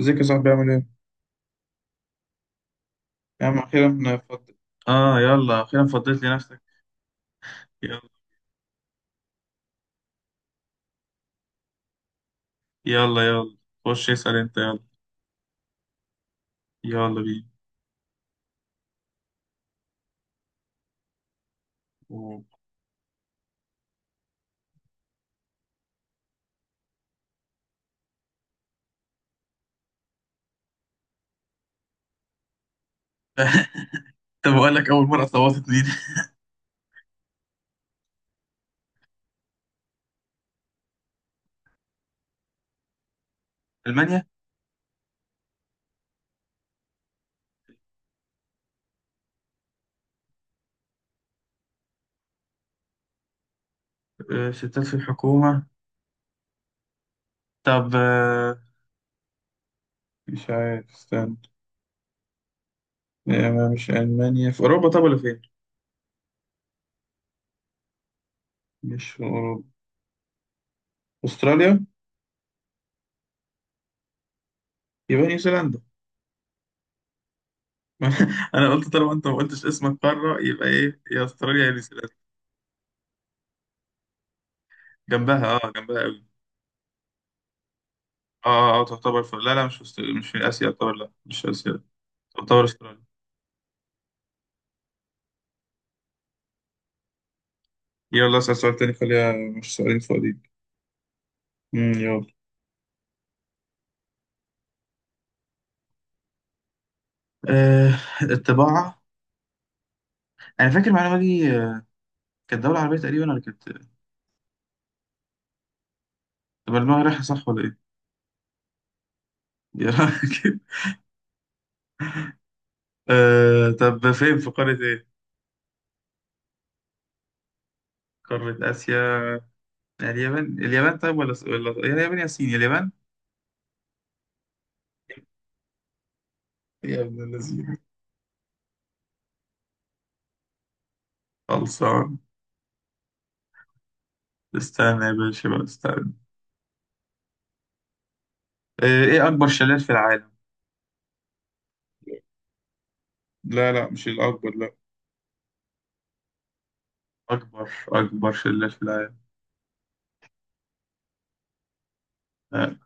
ازيك يا صاحبي؟ عامل ايه؟ يا عم اخيرا اه، يلا اخيرا فضيت لي نفسك. يلا يلا يلا، خش اسأل انت. يلا، يلا بينا. أوه. طب اقول لك، اول مرة صوتت مين؟ المانيا. آه، ستات في الحكومة. طب، مش عارف، استنى. ما مش المانيا في اوروبا؟ طب ولا فين؟ مش في اوروبا؟ استراليا. يبقى نيوزيلندا. انا قلت طالما انت ما قلتش اسمك قارة، يبقى ايه؟ يا استراليا يا نيوزيلندا. جنبها، اه جنبها. اه اه، تعتبر لا لا، مش مش في اسيا يعتبر، لا مش اسيا، تعتبر استراليا. يلا اسال سؤال تاني، خليها، مش سؤالين فاضيين؟ يلا. آه، الطباعة. انا فاكر المعلومة دي، كانت دولة عربية تقريبا ولا كانت؟ طب المجر رايحة صح ولا ايه؟ يلا كده. آه طب فين؟ في قارة ايه؟ قارة اسيا. يعني اليابان؟ اليابان طيب؟ ولا يا اليابان يا الصين. اليابان. يا ابن الذين! خلصان. استنى يا باشا بقى، استنى. آه، ايه اكبر شلال في العالم؟ لا لا، مش الأكبر، لا. أكبر، أكبر شلة في العالم. لا.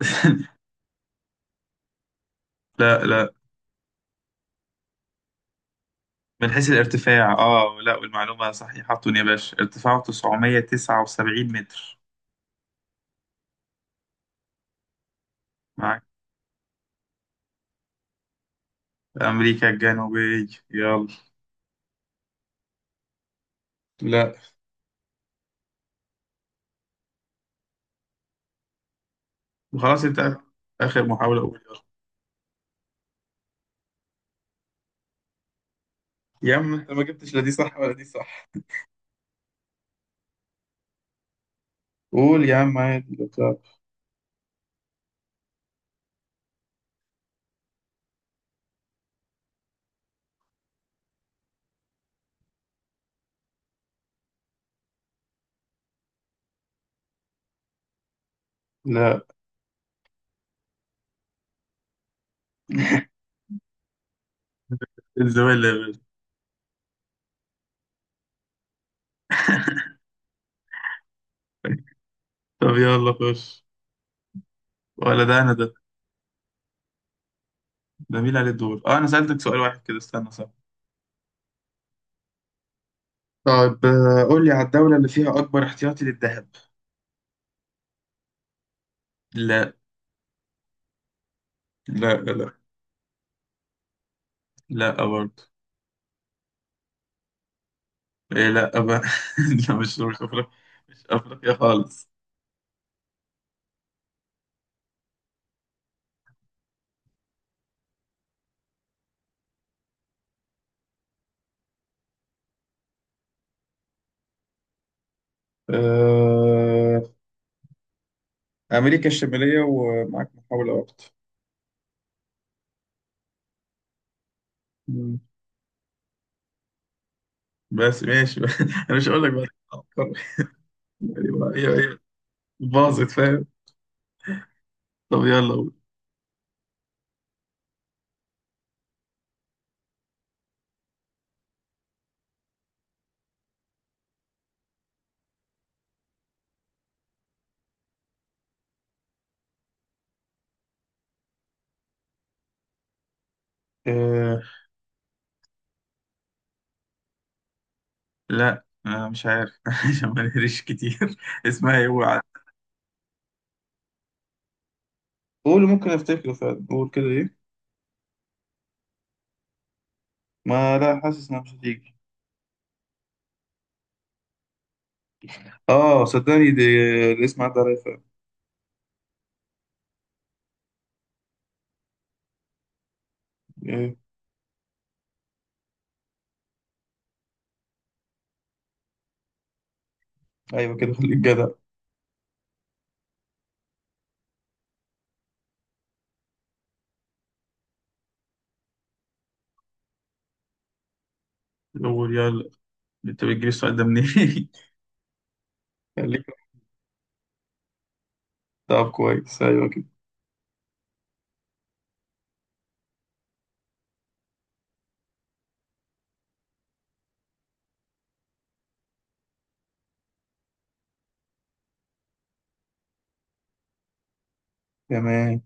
لا لا. من حيث الارتفاع، آه لا، والمعلومة صحيحة يا باشا، ارتفاعه 979 متر. معاك. أمريكا الجنوبية. يلا. لا. وخلاص أنت. آخر محاولة أقول، يلا. يا عم أنت ما جبتش لا دي صح ولا دي صح. قول يا عم عادي، لا تعب. لا. الزمالة يا باشا. طب يلا خش. ولا ده أنا؟ ده ده مين عليه الدور؟ آه، أنا سألتك سؤال واحد كده، استنى، صح. طيب قول لي على الدولة اللي فيها أكبر احتياطي للذهب. لا. لا لا. لا برضه. إيه؟ لا بقى. لا، مش مش أفريقيا. مش أفريقيا خالص. آه، أمريكا الشمالية، ومعاك محاولة واحدة. مم. بس ماشي بقى. أنا مش هقول لك بقى. أفكر. هي، هي باظت، فاهم؟ طب يلا قول. آه، لا، مش عارف، عشان ما نهريش كتير. اسمها ايه هو عارف. قول، ممكن افتكره فعلا، قول كده ايه. ما لا، حاسس انها مش هتيجي. اه، صدقني دي الاسم عدى عليا فعلا. إيه. ايوه كده، خليك جدع. هو يلا، انت بتجيب السؤال ده منين؟ خليك. طب كويس، ايوه كده. تمام.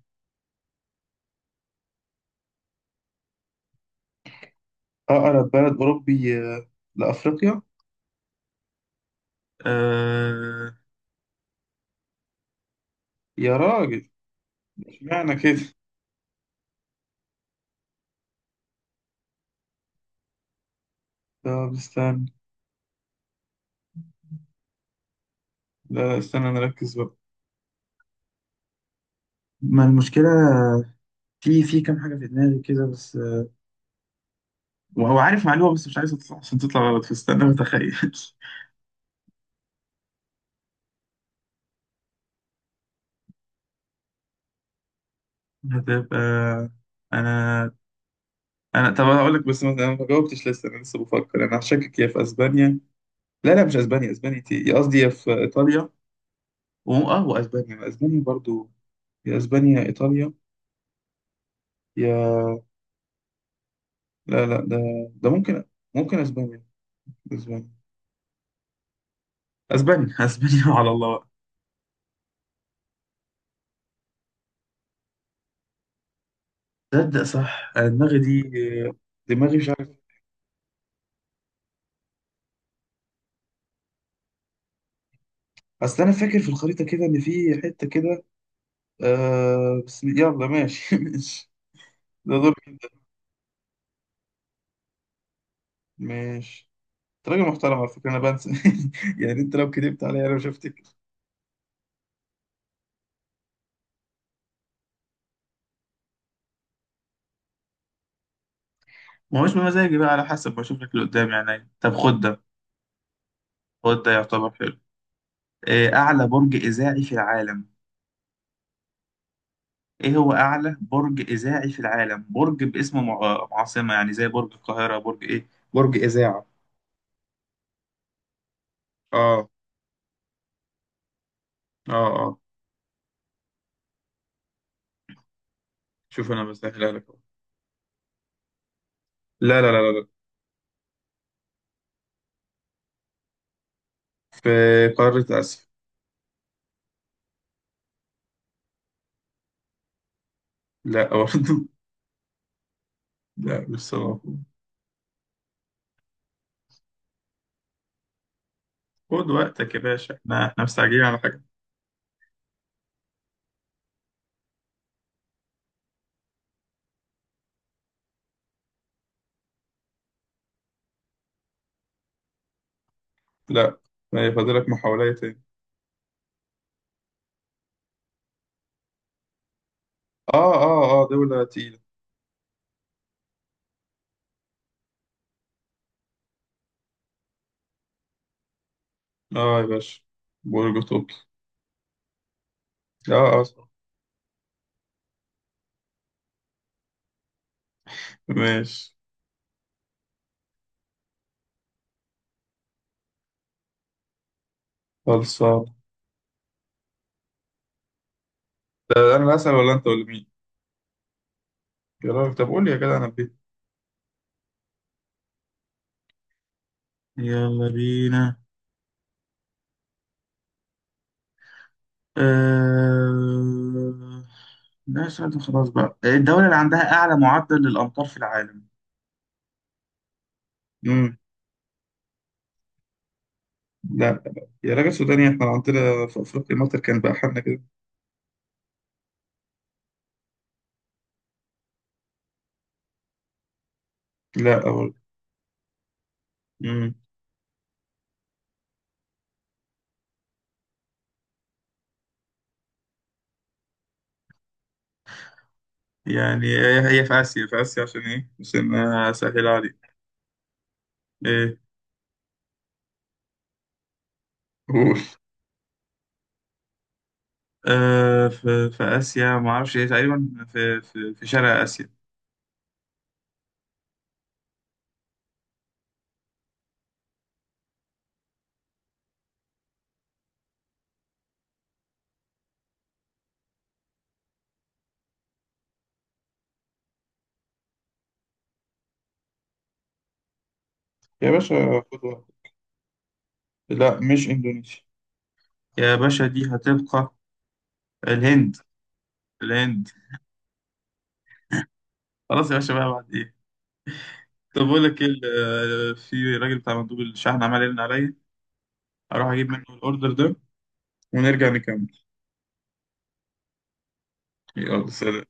اقرب بلد اوروبي، لافريقيا. آه... يا راجل، اشمعنى كده؟ طب استنى. لا لا، استنى نركز بقى. ما المشكلة. في كام حاجة في دماغي كده بس، وهو عارف معلومة بس مش عايز تطلع، عشان تطلع غلط، فاستنى بتخيل. هتبقى. انا انا طب انا هقول لك، بس ما انا ما جاوبتش لسه، انا لسه بفكر. انا هشكك يا في اسبانيا، لا لا مش اسبانيا، اسبانيا انت قصدي، يا في ايطاليا، اه واسبانيا، اسبانيا برضو، يا اسبانيا يا ايطاليا، يا لا لا، ده ده ممكن اسبانيا، اسبانيا اسبانيا اسبانيا، على الله بقى. تصدق صح، انا دماغي دي، دماغي مش عارف. اصل انا فاكر في الخريطه كده ان في حته كده. آه بس يلا ماشي، ماشي. ده دور كده، ماشي. انت راجل محترم على فكره، انا بنسى. يعني انت لو كدبت عليا انا مش هفتكر. ما هوش بمزاجي بقى، على حسب بشوف لك اللي قدامي يعني. طب خد ده، خد ده يعتبر حلو. أعلى برج إذاعي في العالم. إيه هو أعلى برج إذاعي في العالم؟ برج باسم عاصمة، يعني زي برج القاهرة، برج إيه؟ برج إذاعة. آه آه آه. شوف أنا بسهلها لك أهو. لا لا لا لا لا. في قارة آسيا. لا برضه. لا، مش صلاح. خد وقتك يا باشا، احنا مستعجلين على حاجة؟ لا، يعني فاضلك محاولة تاني. آه آه آه، دولة تقيلة. آه يا باشا، برج طوكيو. آه آه، صح. ماشي. خلصان. ده انا اللي اسال ولا انت ولا مين؟ يا راجل، طب قول لي يا جدع، انا بيه. يلا بينا. أه... ده سؤال، ده خلاص بقى. الدولة اللي عندها أعلى معدل للأمطار في العالم. امم لا لا لا. يا راجل سوداني، احنا لو عندنا في أفريقيا مطر كان بقى حالنا كده. لا أول. امم يعني هي، هي في آسيا، في آسيا، عشان إيه؟ عشان أسهل عليك. إيه. قول. آه، في آسيا، ما أعرفش إيه، تقريبا في في شرق آسيا. يا باشا خد واحد. لا مش إندونيسيا. يا باشا دي هتبقى الهند. الهند. خلاص يا باشا بقى، بعد ايه؟ طب بقول لك ايه، في راجل بتاع مندوب الشحن عمال يرن عليا، اروح اجيب منه الاوردر ده ونرجع نكمل. يلا سلام.